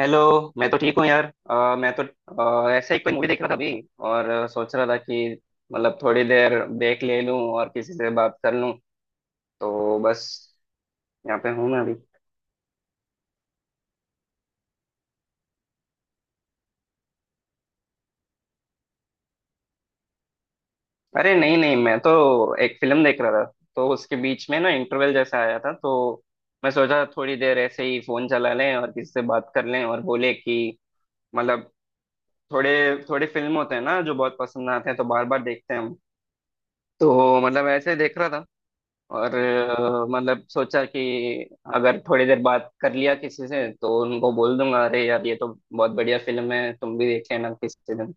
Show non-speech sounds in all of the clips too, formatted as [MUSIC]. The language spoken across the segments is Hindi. हेलो। मैं तो ठीक हूँ यार। मैं तो ऐसे ही कोई मूवी देख रहा था अभी। और सोच रहा था कि मतलब थोड़ी देर ब्रेक ले लूँ और किसी से बात कर लूँ। तो बस यहाँ पे हूँ मैं अभी। अरे नहीं नहीं, मैं तो एक फिल्म देख रहा था। तो उसके बीच में ना इंटरवल जैसा आया था तो मैं सोचा थोड़ी देर ऐसे ही फोन चला लें और किसी से बात कर लें। और बोले कि मतलब थोड़े थोड़े फिल्म होते हैं ना जो बहुत पसंद आते हैं, तो बार बार देखते हैं हम। तो मतलब ऐसे देख रहा था। और मतलब सोचा कि अगर थोड़ी देर बात कर लिया किसी से तो उनको बोल दूंगा अरे यार ये तो बहुत बढ़िया फिल्म है, तुम भी देख लेना किसी दिन।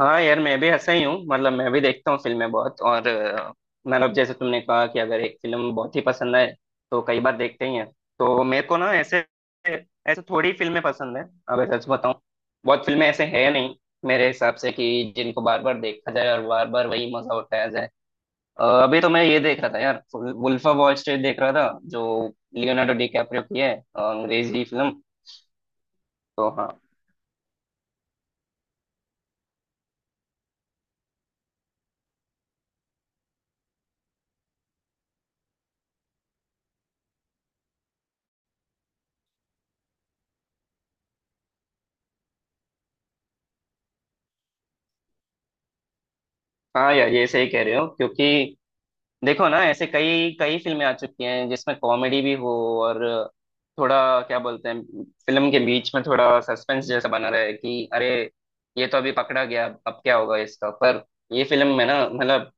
हाँ यार, मैं भी ऐसा ही हूँ। मतलब मैं भी देखता हूँ फिल्में बहुत। और मतलब जैसे तुमने कहा कि अगर एक फिल्म बहुत ही पसंद आए तो कई बार देखते ही हैं। तो मेरे को ना ऐसे ऐसे थोड़ी फिल्में पसंद है, अगर सच बताऊँ। बहुत फिल्में ऐसे है नहीं मेरे हिसाब से कि जिनको बार बार देखा जाए और बार बार वही मजा उठाया जाए। अभी तो मैं ये देख रहा था यार, वुल्फ ऑफ वॉल स्ट्रीट देख रहा था, जो लियोनार्डो डिकैप्रियो की है, अंग्रेजी फिल्म। तो हाँ। हाँ यार, ये सही कह रहे हो। क्योंकि देखो ना, ऐसे कई कई फिल्में आ चुकी हैं जिसमें कॉमेडी भी हो और थोड़ा, क्या बोलते हैं, फिल्म के बीच में थोड़ा सस्पेंस जैसा बना रहे कि अरे ये तो अभी पकड़ा गया, अब क्या होगा इसका। पर ये फिल्म में ना मतलब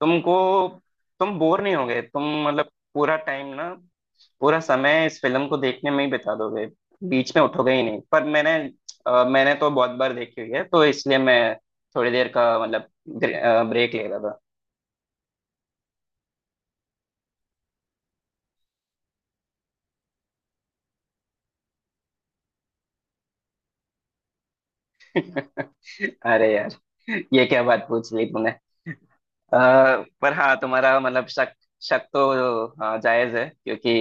तुमको तुम बोर नहीं होगे। तुम मतलब पूरा टाइम ना पूरा समय इस फिल्म को देखने में ही बिता दोगे। बीच में उठोगे ही नहीं। पर मैंने तो बहुत बार देखी हुई है, तो इसलिए मैं थोड़ी देर का मतलब ब्रेक ले रहा था। [LAUGHS] अरे यार, ये क्या बात पूछ ली तूने। अ, पर हाँ, तुम्हारा मतलब शक। शक तो हाँ जायज है, क्योंकि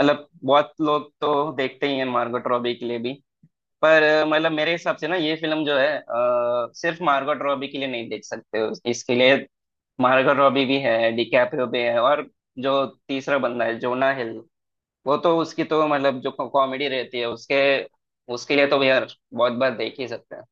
मतलब बहुत लोग तो देखते ही हैं मार्गोट रॉबी के लिए भी। पर मतलब मेरे हिसाब से ना ये फिल्म जो है सिर्फ मार्गोट रॉबी के लिए नहीं देख सकते हो, इसके लिए मार्गो रॉबी भी है, डिकैप्रियो भी है, और जो तीसरा बंदा है जोना हिल, वो तो उसकी तो मतलब जो कॉमेडी रहती है उसके उसके लिए तो यार बहुत बार देख ही सकते हैं।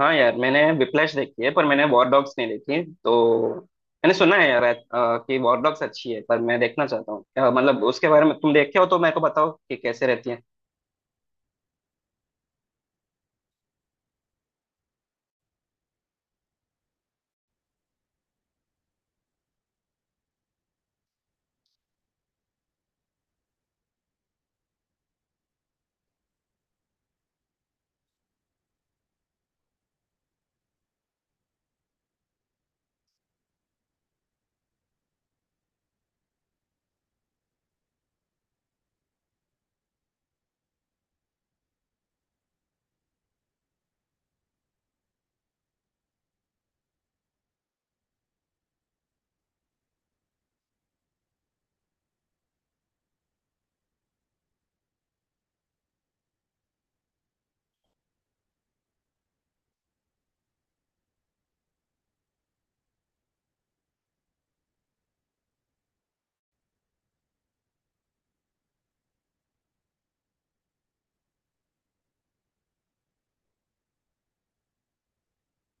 हाँ यार, मैंने विप्लैश देखी है, पर मैंने वॉर डॉग्स नहीं देखी। तो मैंने सुना है यार कि वॉर डॉग्स अच्छी है, पर मैं देखना चाहता हूँ। मतलब उसके बारे में तुम देखे हो तो मेरे को बताओ कि कैसे रहती है।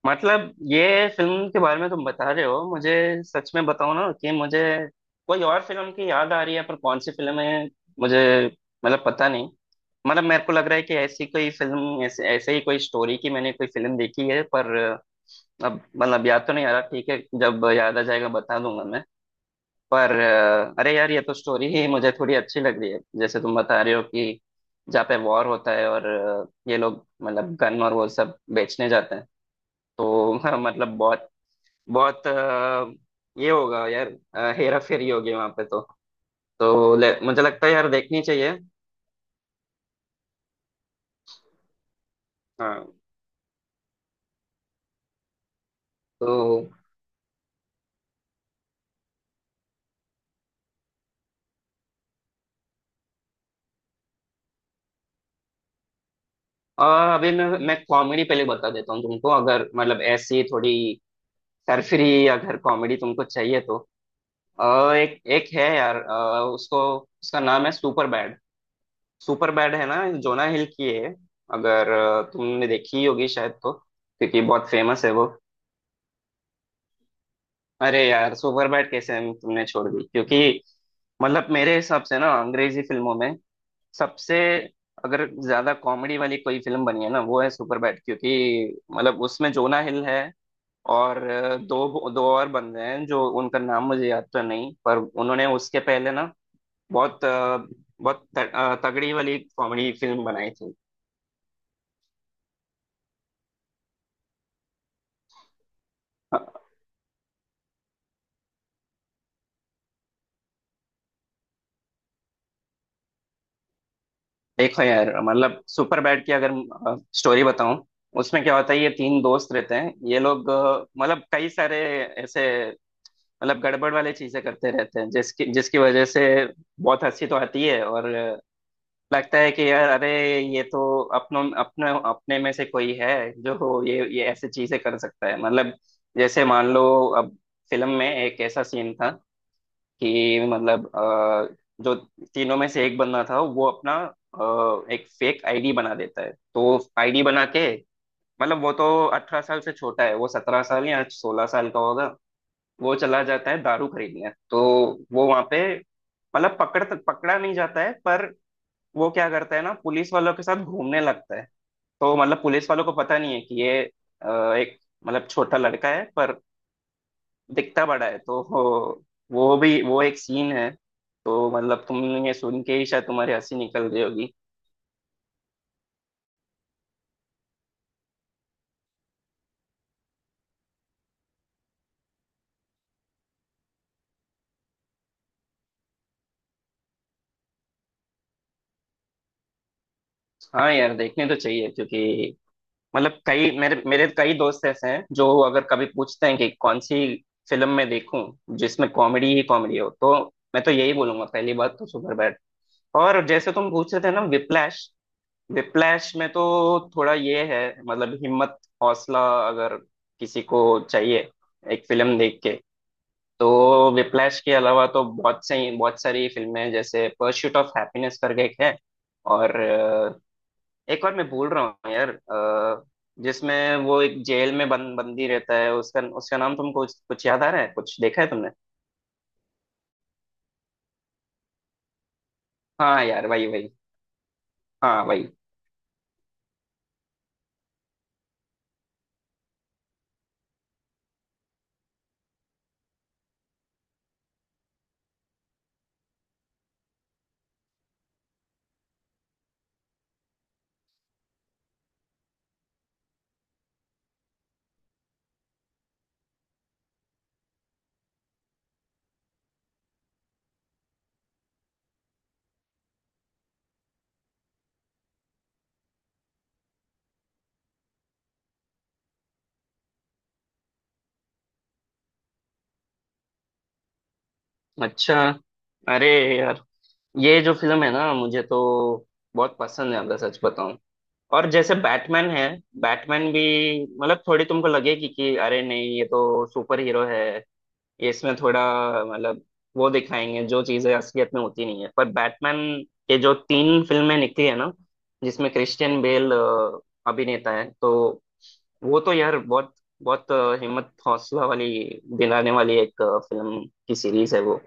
मतलब ये फिल्म के बारे में तुम बता रहे हो मुझे, सच में बताओ ना कि मुझे कोई और फिल्म की याद आ रही है, पर कौन सी फिल्म है मुझे मतलब पता नहीं। मतलब मेरे को लग रहा है कि ऐसी कोई फिल्म, ऐसे ऐसे ही कोई स्टोरी की मैंने कोई फिल्म देखी है, पर अब मतलब याद तो नहीं आ रहा। ठीक है, जब याद आ जाएगा बता दूंगा मैं। पर अरे यार, ये तो स्टोरी ही मुझे थोड़ी अच्छी लग रही है जैसे तुम बता रहे हो कि जहाँ पे वॉर होता है और ये लोग मतलब गन और वो सब बेचने जाते हैं तो [LAUGHS] मतलब बहुत बहुत ये होगा यार, हेरा फेरी होगी वहां पे तो। मुझे लगता है यार देखनी चाहिए। हाँ। तो अ, अभी मैं कॉमेडी पहले बता देता हूँ तुमको। अगर मतलब ऐसी थोड़ी सरफरी अगर कॉमेडी तुमको चाहिए तो एक एक है यार। उसको उसका नाम है सुपर बैड। सुपर बैड है ना, जोना हिल की है। अगर तुमने देखी होगी शायद तो, क्योंकि बहुत फेमस है वो। अरे यार, सुपरबैट कैसे हम तुमने छोड़ दी। क्योंकि मतलब मेरे हिसाब से ना अंग्रेजी फिल्मों में सबसे अगर ज्यादा कॉमेडी वाली कोई फिल्म बनी है ना वो है सुपरबैट। क्योंकि मतलब उसमें जोना हिल है और दो दो और बंदे हैं जो उनका नाम मुझे याद तो नहीं, पर उन्होंने उसके पहले ना बहुत तगड़ी वाली कॉमेडी फिल्म बनाई थी। देखो यार, मतलब सुपर बैड की अगर स्टोरी बताऊं, उसमें क्या होता है, ये तीन दोस्त रहते हैं। ये लोग मतलब कई सारे ऐसे मतलब गड़बड़ वाले चीजें करते रहते हैं जिसकी जिसकी वजह से बहुत हंसी तो आती है। और लगता है कि यार अरे ये तो अपनों अपने अपने में से कोई है जो ये ऐसे चीजें कर सकता है मतलब। जैसे मान लो, अब फिल्म में एक ऐसा सीन था कि मतलब जो तीनों में से एक बंदा था, वो अपना एक फेक आईडी बना देता है, तो आईडी बना के मतलब वो तो 18 साल से छोटा है, वो 17 साल या 16 साल का होगा, वो चला जाता है दारू खरीदने। तो वो वहां पे मतलब पकड़ा नहीं जाता है। पर वो क्या करता है ना, पुलिस वालों के साथ घूमने लगता है। तो मतलब पुलिस वालों को पता नहीं है कि ये एक मतलब छोटा लड़का है, पर दिखता बड़ा है। तो वो एक सीन है। तो मतलब तुमने ये सुन के ही शायद तुम्हारी हंसी निकल रही होगी। हाँ यार, देखने तो चाहिए क्योंकि मतलब कई मेरे मेरे कई दोस्त ऐसे हैं जो अगर कभी पूछते हैं कि कौन सी फिल्म मैं देखूं जिसमें कॉमेडी ही कॉमेडी हो, तो मैं तो यही बोलूंगा, पहली बात तो सुपर बैड। और जैसे तुम पूछ रहे थे ना विप्लैश, विप्लैश में तो थोड़ा ये है मतलब हिम्मत हौसला अगर किसी को चाहिए एक फिल्म देख के। तो विप्लैश के अलावा तो बहुत सही बहुत सारी फिल्में हैं, जैसे परस्यूट ऑफ हैप्पीनेस करके एक है। और एक और मैं भूल रहा हूँ यार, जिसमें वो एक जेल में बंदी रहता है, उसका उसका नाम तुमको कुछ कुछ याद आ रहा है? कुछ देखा है तुमने? हाँ यार, वही वही। हाँ, वही। अच्छा। अरे यार, ये जो फिल्म है ना मुझे तो बहुत पसंद है, अगर सच बताऊं। और जैसे बैटमैन है, बैटमैन भी मतलब थोड़ी तुमको लगेगी कि अरे नहीं ये तो सुपर हीरो है, ये इसमें थोड़ा मतलब वो दिखाएंगे जो चीजें असलियत में होती नहीं है। पर बैटमैन के जो तीन फिल्में निकली है ना, जिसमें क्रिश्चियन बेल अभिनेता है, तो वो तो यार बहुत बहुत अ, हिम्मत हौसला वाली दिलाने वाली एक फिल्म की सीरीज है वो।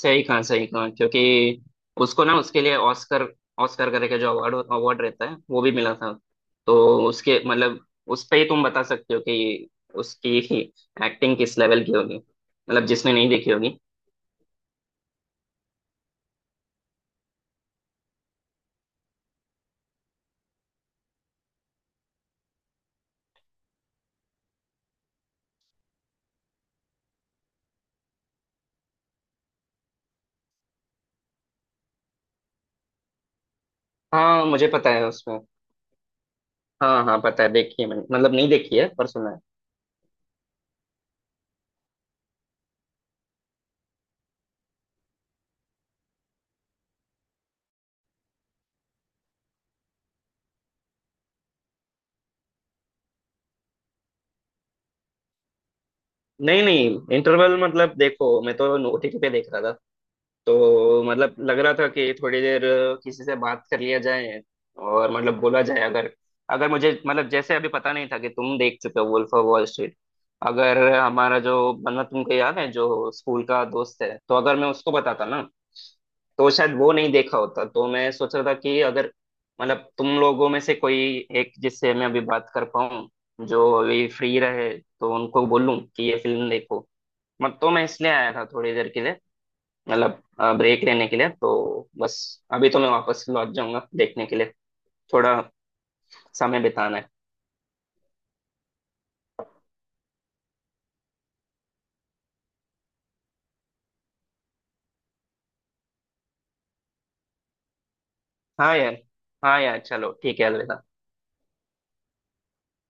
सही कहा, सही कहा। क्योंकि उसको ना उसके लिए ऑस्कर, ऑस्कर करके जो अवार्ड अवार्ड रहता है वो भी मिला था। तो उसके मतलब उस पे ही तुम बता सकते हो कि उसकी [LAUGHS] एक्टिंग किस लेवल की होगी, मतलब जिसने नहीं देखी होगी। हाँ, मुझे पता है उसमें। हाँ हाँ, पता है, देखी है मैंने। मतलब नहीं देखी है, पर सुना है। नहीं नहीं, इंटरवल मतलब देखो मैं तो ओटीटी पे देख रहा था, तो मतलब लग रहा था कि थोड़ी देर किसी से बात कर लिया जाए। और मतलब बोला जाए, अगर अगर मुझे मतलब जैसे अभी पता नहीं था कि तुम देख चुके हो वुल्फ ऑफ वॉल स्ट्रीट। अगर हमारा जो मतलब तुमको याद है जो स्कूल का दोस्त है, तो अगर मैं उसको बताता ना, तो शायद वो नहीं देखा होता। तो मैं सोच रहा था कि अगर मतलब तुम लोगों में से कोई एक जिससे मैं अभी बात कर पाऊँ, जो अभी फ्री रहे, तो उनको बोलूँ कि ये फिल्म देखो मत। तो मैं इसलिए आया था थोड़ी देर के लिए, मतलब ब्रेक लेने के लिए। तो बस, अभी तो मैं वापस लौट जाऊंगा देखने के लिए। थोड़ा समय बिताना है। हाँ यार, हाँ यार, चलो ठीक है, अलविदा।